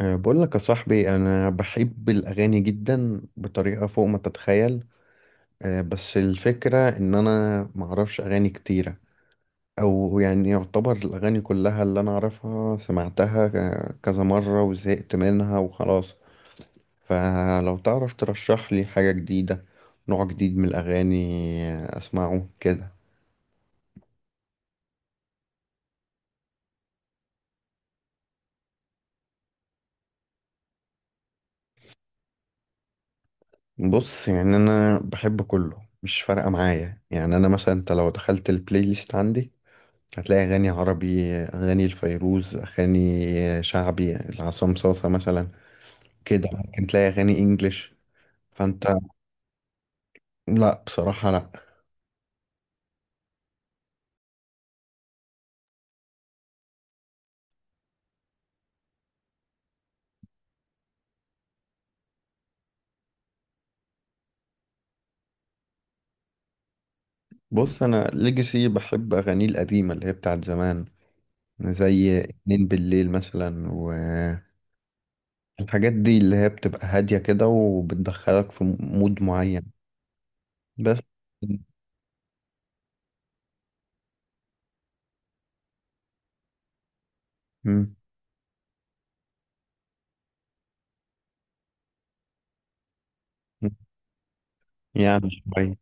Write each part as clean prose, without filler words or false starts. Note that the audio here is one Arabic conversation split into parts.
بقول لك يا صاحبي انا بحب الاغاني جدا بطريقه فوق ما تتخيل. بس الفكره ان انا معرفش اغاني كتيره، او يعني يعتبر الاغاني كلها اللي انا اعرفها سمعتها كذا مره وزهقت منها وخلاص. فلو تعرف ترشح لي حاجه جديده، نوع جديد من الاغاني اسمعه كده. بص يعني انا بحب كله، مش فارقه معايا. يعني انا مثلا انت لو دخلت البلاي ليست عندي هتلاقي أغاني عربي، أغاني الفيروز، أغاني شعبي العصام صاصة مثلا، كده ممكن تلاقي أغاني إنجليش. فأنت... لا بصراحة لا. بص أنا ليجاسي بحب أغانيه القديمة اللي هي بتاعت زمان، زي اتنين بالليل مثلا، والحاجات دي اللي هي بتبقى هادية كده وبتدخلك في مود معين. بس. مم. يعني شوية.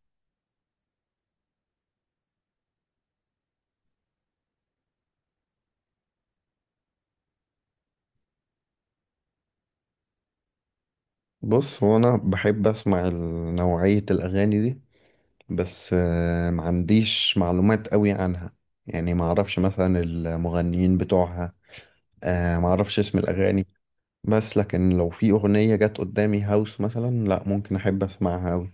بص هو أنا بحب أسمع نوعية الأغاني دي، بس ما عنديش معلومات قوي عنها. يعني ما اعرفش مثلا المغنيين بتوعها، ما اعرفش اسم الاغاني. بس لكن لو في اغنية جت قدامي هاوس مثلا، لا ممكن احب اسمعها قوي.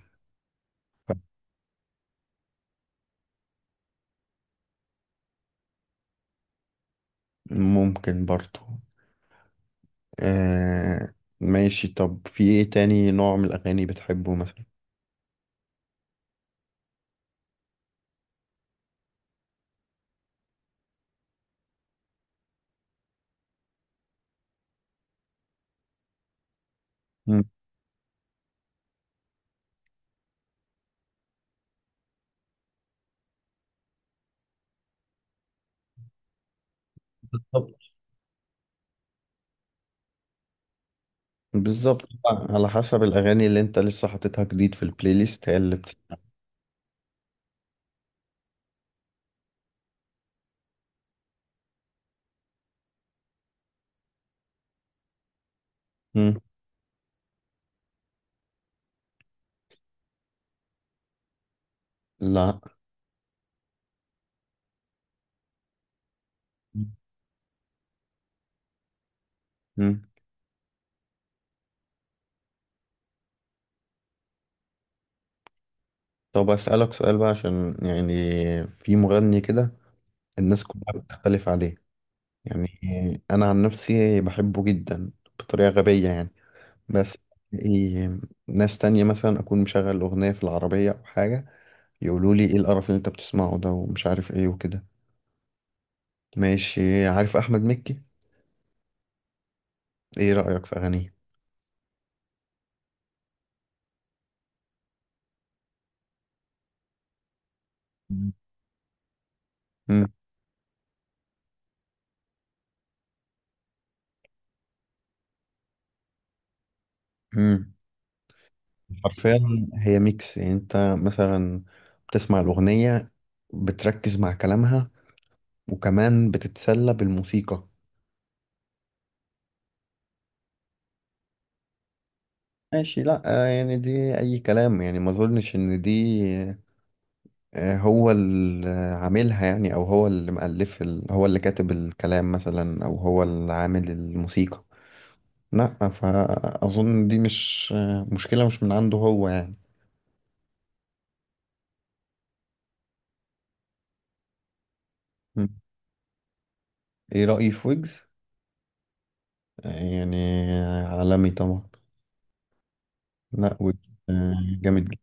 ممكن برضو. آه، ماشي طب في ايه تاني نوع من الاغاني بتحبه مثلا؟ مم، بالظبط. بالظبط. على حسب الاغاني اللي انت لسه حاططها جديد في البلاي ليست هي اللي بت... مم، لا مم. طب أسألك سؤال بقى عشان يعني في مغني كده الناس كلها بتختلف عليه، يعني أنا عن نفسي بحبه جدا بطريقة غبية يعني. بس إيه، ناس تانية مثلا أكون مشغل أغنية في العربية أو حاجة، يقولوا لي إيه القرف اللي أنت بتسمعه ده، ومش عارف إيه وكده. ماشي، عارف أحمد مكي؟ إيه رأيك في أغانيه؟ مم. مم. حرفيا هي ميكس. يعني أنت مثلا بتسمع الأغنية، بتركز مع كلامها، وكمان بتتسلى بالموسيقى. ماشي، لا يعني دي أي كلام. يعني ما أظنش إن دي هو اللي عاملها، يعني أو هو اللي مؤلف هو اللي كاتب الكلام مثلا، أو هو اللي عامل الموسيقى. لا فأظن دي مش مشكلة، مش من عنده هو يعني. م. إيه رأيي في ويجز؟ يعني عالمي طبعا. لا ويجز آه، جامد جدا.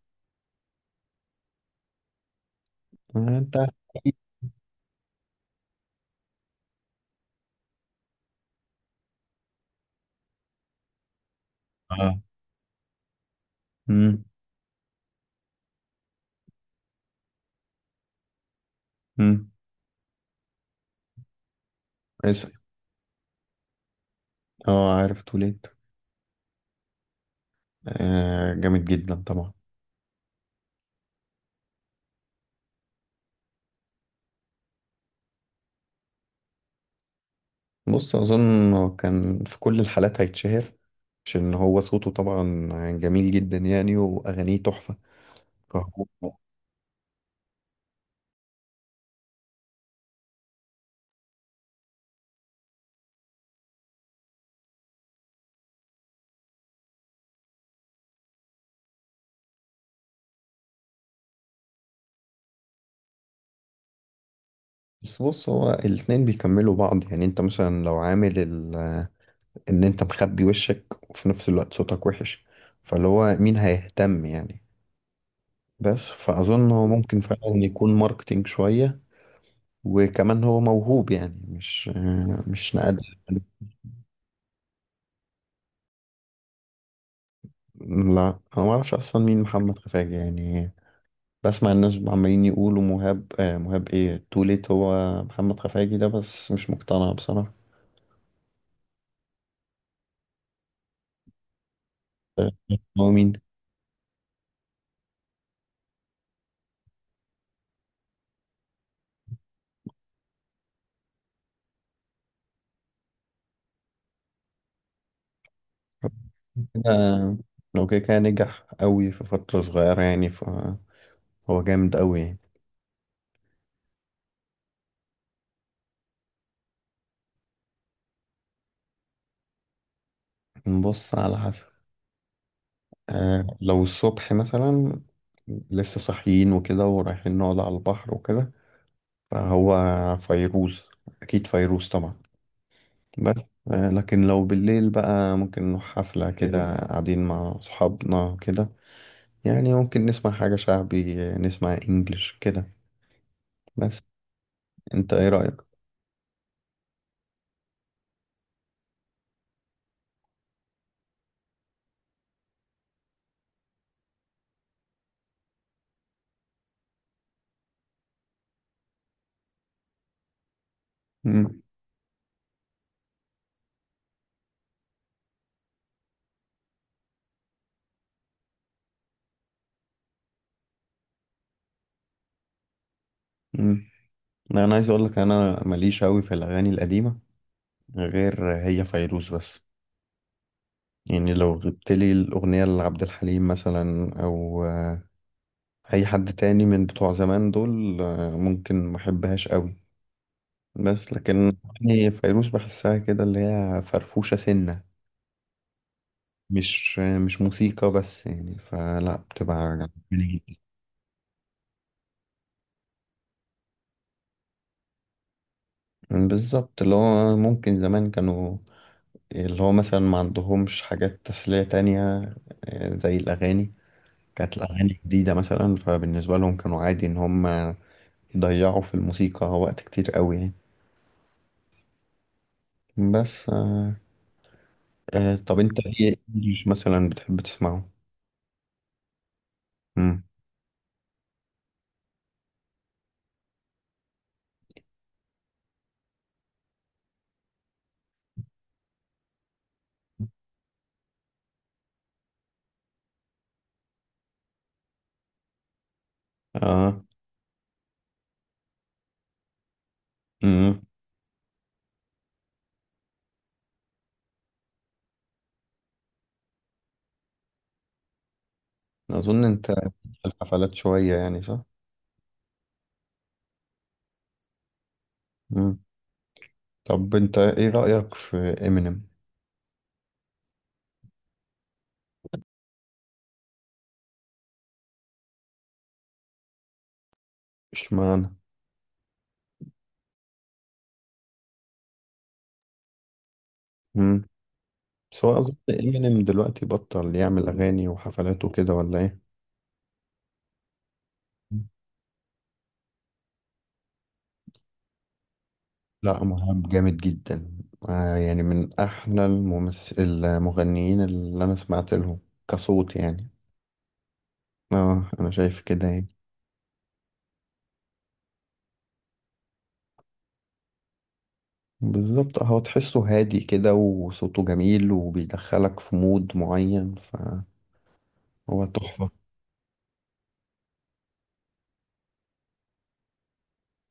أنت. آه. م- م. اسأل. اه، عارف توليت. جامد جدا طبعا. بص اظن هو كان في كل الحالات هيتشهر، عشان هو صوته طبعا جميل جدا يعني، واغانيه تحفه. فهو... بس بص، هو الاتنين بيكملوا بعض. يعني انت مثلا لو عامل ال... ان انت مخبي وشك وفي نفس الوقت صوتك وحش، فاللي هو مين هيهتم يعني؟ بس فاظن هو ممكن فعلا يكون ماركتينج شويه، وكمان هو موهوب، يعني مش نقد. لا انا ما اعرفش اصلا مين محمد خفاجي يعني. بسمع الناس عمالين يقولوا مهاب، آه مهاب ايه توليت هو محمد خفاجي ده، بس مش مقتنع بصراحة. آه، هو مين؟ كده- لو كده كان نجح قوي في فترة صغيرة يعني، فهو جامد قوي يعني. نبص على حسب. لو الصبح مثلا لسه صاحيين وكده ورايحين نقعد على البحر وكده، فهو فيروز، أكيد فيروز طبعا. بس لكن لو بالليل بقى ممكن نروح حفلة كده قاعدين مع صحابنا كده، يعني ممكن نسمع حاجة شعبي، نسمع انجلش كده. بس انت ايه رأيك؟ مم. مم. لا، انا عايز اقول لك انا ماليش قوي في الاغاني القديمة، غير هي فيروز بس. يعني لو جبت لي الاغنية لعبد الحليم مثلا او اي حد تاني من بتوع زمان دول، ممكن ما احبهاش قوي. بس لكن يعني فيروز بحسها كده اللي هي فرفوشة سنة، مش موسيقى بس يعني، فلا بتبقى جميلة. بالظبط، اللي هو ممكن زمان كانوا اللي هو مثلا ما عندهمش حاجات تسلية تانية زي الأغاني. كانت الأغاني جديدة مثلا، فبالنسبة لهم كانوا عادي إن هم يضيعوا في الموسيقى وقت كتير قوي يعني. بس طب أنت إيه إنجليش مثلا بتحب تسمعه؟ مم. آه. مم. أظن أنت في الحفلات شوية يعني صح؟ مم. طب أنت إيه رأيك في إمينيم؟ اشمعنى؟ بس هو أظن إمينيم دلوقتي بطل يعمل أغاني وحفلات وكده ولا إيه؟ لا مهاب جامد جدا. يعني من أحلى الممثل المغنيين اللي أنا سمعت لهم كصوت يعني. أنا شايف كده يعني. بالظبط، هو تحسه هادي كده وصوته جميل وبيدخلك في مود معين فهو تحفة.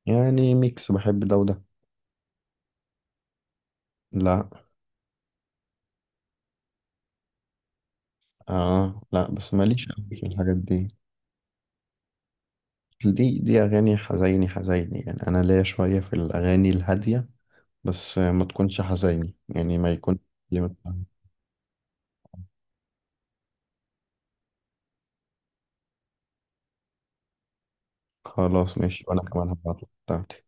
يعني ميكس، بحب ده وده. لا. لا بس ماليش أوي في الحاجات دي. دي أغاني حزيني حزيني، يعني أنا ليا شوية في الأغاني الهادية بس ما تكونش حزيني، يعني ما يكون... خلاص ماشي، وأنا كمان هبعتلك بتاعتي.